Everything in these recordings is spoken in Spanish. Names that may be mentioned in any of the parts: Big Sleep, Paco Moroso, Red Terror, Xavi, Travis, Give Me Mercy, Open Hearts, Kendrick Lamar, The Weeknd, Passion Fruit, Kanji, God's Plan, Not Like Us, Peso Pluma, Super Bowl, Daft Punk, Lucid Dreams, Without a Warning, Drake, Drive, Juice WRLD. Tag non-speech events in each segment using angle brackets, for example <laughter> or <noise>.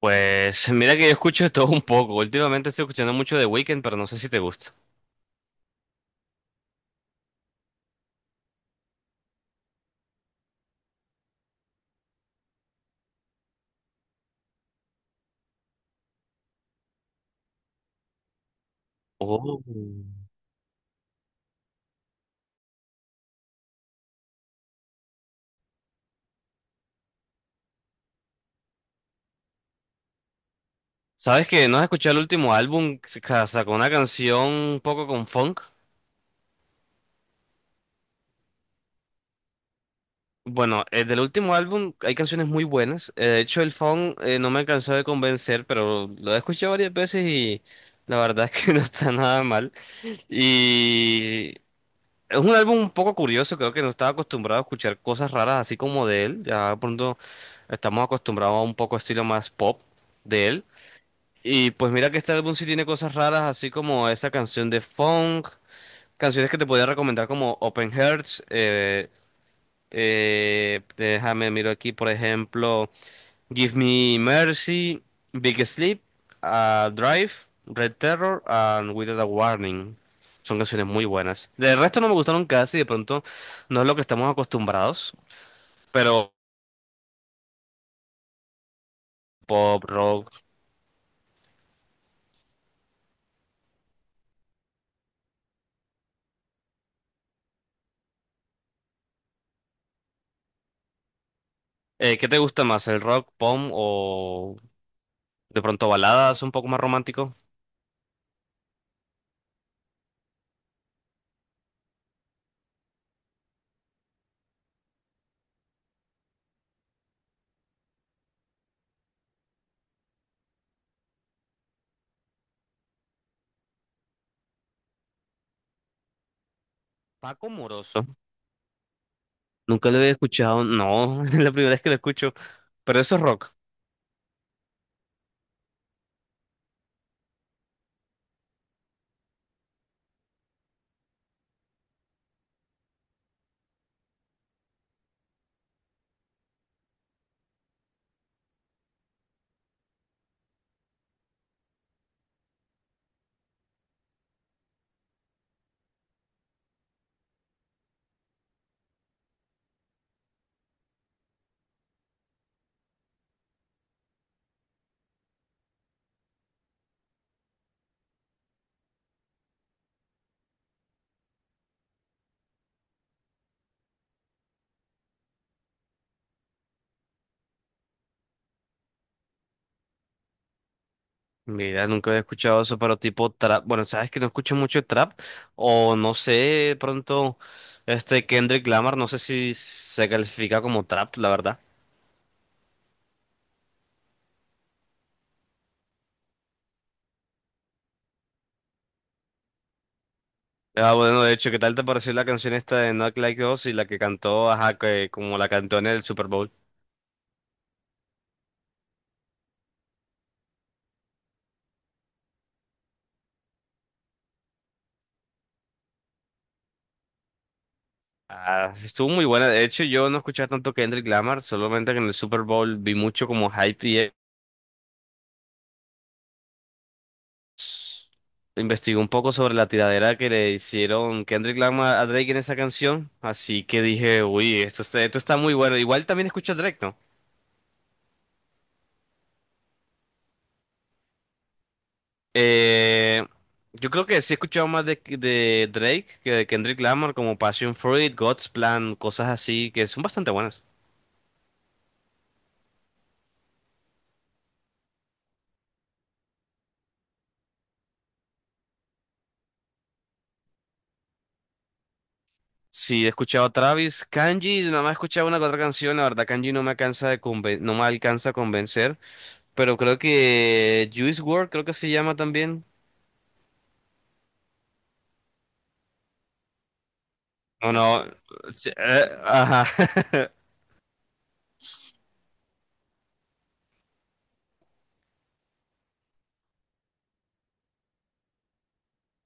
Pues <laughs> mira que yo escucho de todo un poco. Últimamente estoy escuchando mucho de Weeknd, pero no sé si te gusta. Oh. ¿Sabes que no has escuchado el último álbum? Sacó una canción un poco con funk. Bueno, del último álbum hay canciones muy buenas. De hecho, el funk no me alcanzó de convencer, pero lo he escuchado varias veces y la verdad es que <laughs> no está nada mal. Y Es un álbum un poco curioso, creo que no estaba acostumbrado a escuchar cosas raras así como de él. Ya de pronto estamos acostumbrados a un poco estilo más pop de él. Y pues mira que este álbum sí tiene cosas raras, así como esa canción de funk, canciones que te podría recomendar como Open Hearts. Déjame miro aquí, por ejemplo. Give Me Mercy, Big Sleep, Drive, Red Terror, and Without a Warning. Son canciones muy buenas. Del resto no me gustaron casi, de pronto no es lo que estamos acostumbrados, pero pop, rock. ¿Qué te gusta más, el rock, pop o de pronto baladas un poco más romántico? Paco Moroso. Nunca lo había escuchado, no, <laughs> es la primera vez que lo escucho, pero eso es rock. Mira, nunca había escuchado eso, pero tipo trap. Bueno, sabes que no escucho mucho trap. O no sé, pronto, este Kendrick Lamar, no sé si se califica como trap, la verdad. Ah, bueno, de hecho, ¿qué tal te pareció la canción esta de Not Like Us y la que cantó, ajá, que como la cantó en el Super Bowl? Ah, estuvo muy buena. De hecho, yo no escuchaba tanto Kendrick Lamar, solamente que en el Super Bowl vi mucho como hype. Investigué un poco sobre la tiradera que le hicieron Kendrick Lamar a Drake en esa canción, así que dije, uy, esto está muy bueno. Igual también escucho a Drake, ¿no? Eh, yo creo que sí he escuchado más de Drake que de Kendrick Lamar, como Passion Fruit, God's Plan, cosas así que son bastante buenas. Sí, he escuchado a Travis, Kanji, nada más he escuchado una que otra canción, la verdad Kanji no me alcanza de conven- no me alcanza a convencer, pero creo que Juice WRLD, creo que se llama también. No, no. Sí, ajá. <laughs>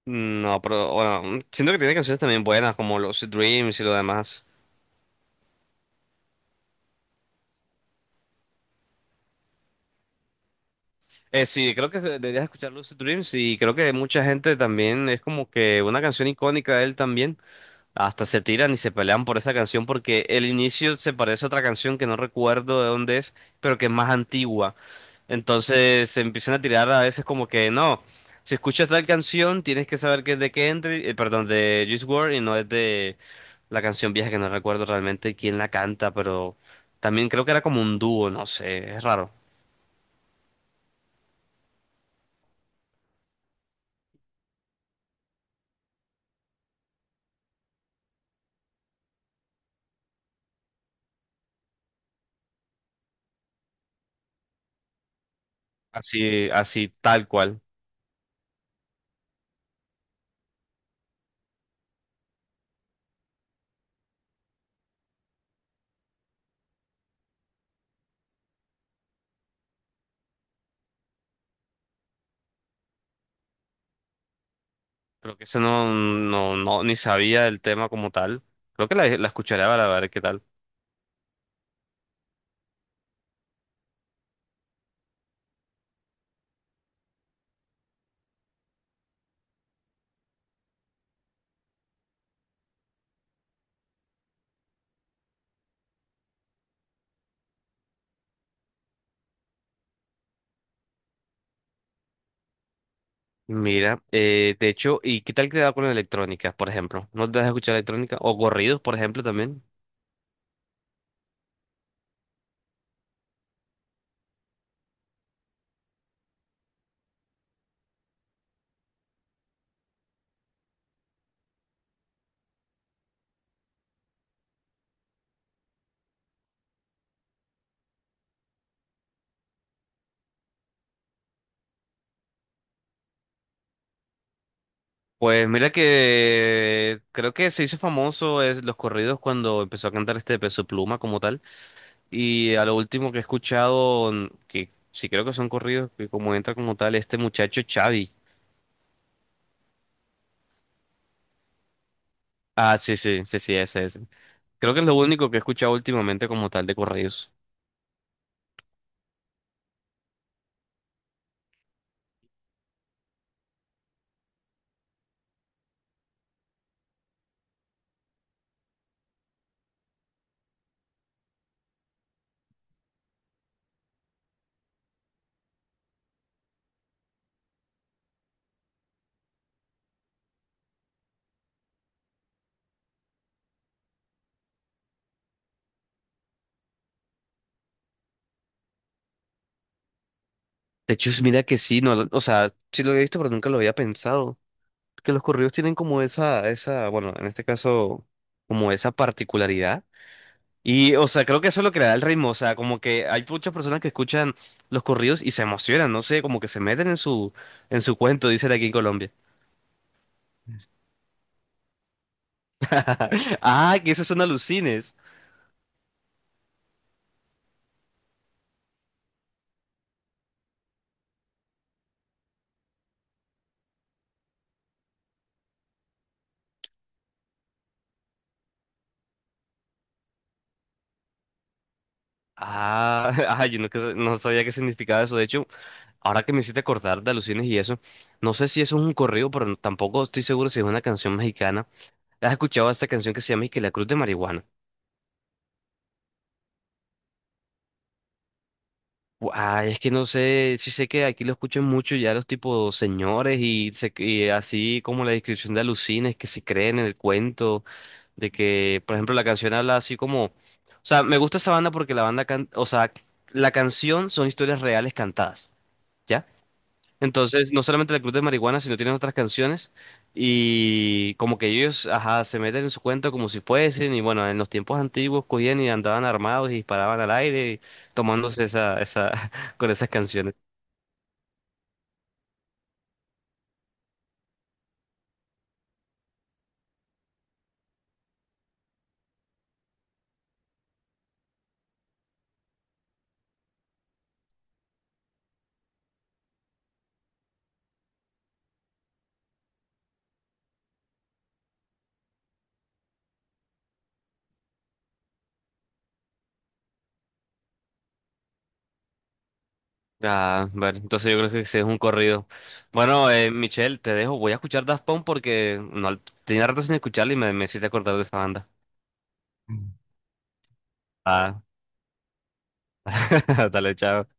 No, pero bueno, siento que tiene canciones también buenas como Lucid Dreams y lo demás. Sí, creo que deberías escuchar Lucid Dreams y creo que mucha gente también es como que una canción icónica de él también. Hasta se tiran y se pelean por esa canción porque el inicio se parece a otra canción que no recuerdo de dónde es, pero que es más antigua. Entonces se empiezan a tirar a veces como que no, si escuchas tal canción tienes que saber que es de Kendrick, perdón, de Juice WRLD y no es de la canción vieja que no recuerdo realmente quién la canta, pero también creo que era como un dúo, no sé, es raro. Así, así tal cual. Creo que ese no, no, no, ni sabía el tema como tal. Creo que la escucharé para ver qué tal. Mira, de hecho, ¿y qué tal te da con la electrónica, por ejemplo? ¿No te das a escuchar electrónica? O corridos, por ejemplo, también. Pues mira que creo que se hizo famoso es los corridos cuando empezó a cantar este Peso Pluma como tal. Y a lo último que he escuchado, mm, que sí creo que son corridos, que como entra como tal este muchacho Xavi. Ah, sí, sí, sí, sí, ese, ese. Creo que es lo único que he escuchado últimamente como tal de corridos. De hecho, mira que sí, no, o sea, sí lo he visto, pero nunca lo había pensado. Que los corridos tienen como bueno, en este caso, como esa particularidad. Y, o sea, creo que eso es lo que le da el ritmo. O sea, como que hay muchas personas que escuchan los corridos y se emocionan, no sé, como que se meten en en su cuento, dicen aquí en Colombia. <laughs> Ah, que esos son alucines. Ah, <laughs> ah, yo no, no sabía qué significaba eso. De hecho, ahora que me hiciste acordar de alucines y eso, no sé si eso es un corrido, pero tampoco estoy seguro si es una canción mexicana. ¿Has escuchado esta canción que se llama y que la Cruz de Marihuana? Ah, es que no sé, sí sé que aquí lo escuchan mucho ya los tipos señores y, y así como la descripción de alucines que se creen en el cuento, de que, por ejemplo, la canción habla así como, o sea, me gusta esa banda porque o sea, la canción son historias reales cantadas. ¿Ya? Entonces, no solamente la Club de Marihuana, sino tienen otras canciones y como que ellos, ajá, se meten en su cuento como si fuesen y bueno, en los tiempos antiguos cogían y andaban armados y disparaban al aire y tomándose <laughs> con esas canciones. Ah, bueno, entonces yo creo que ese es un corrido. Bueno, Michelle, te dejo, voy a escuchar Daft Punk porque no, tenía rato sin escucharla y me hiciste acordar de esa banda. Mm. Ah, <laughs> dale, chao.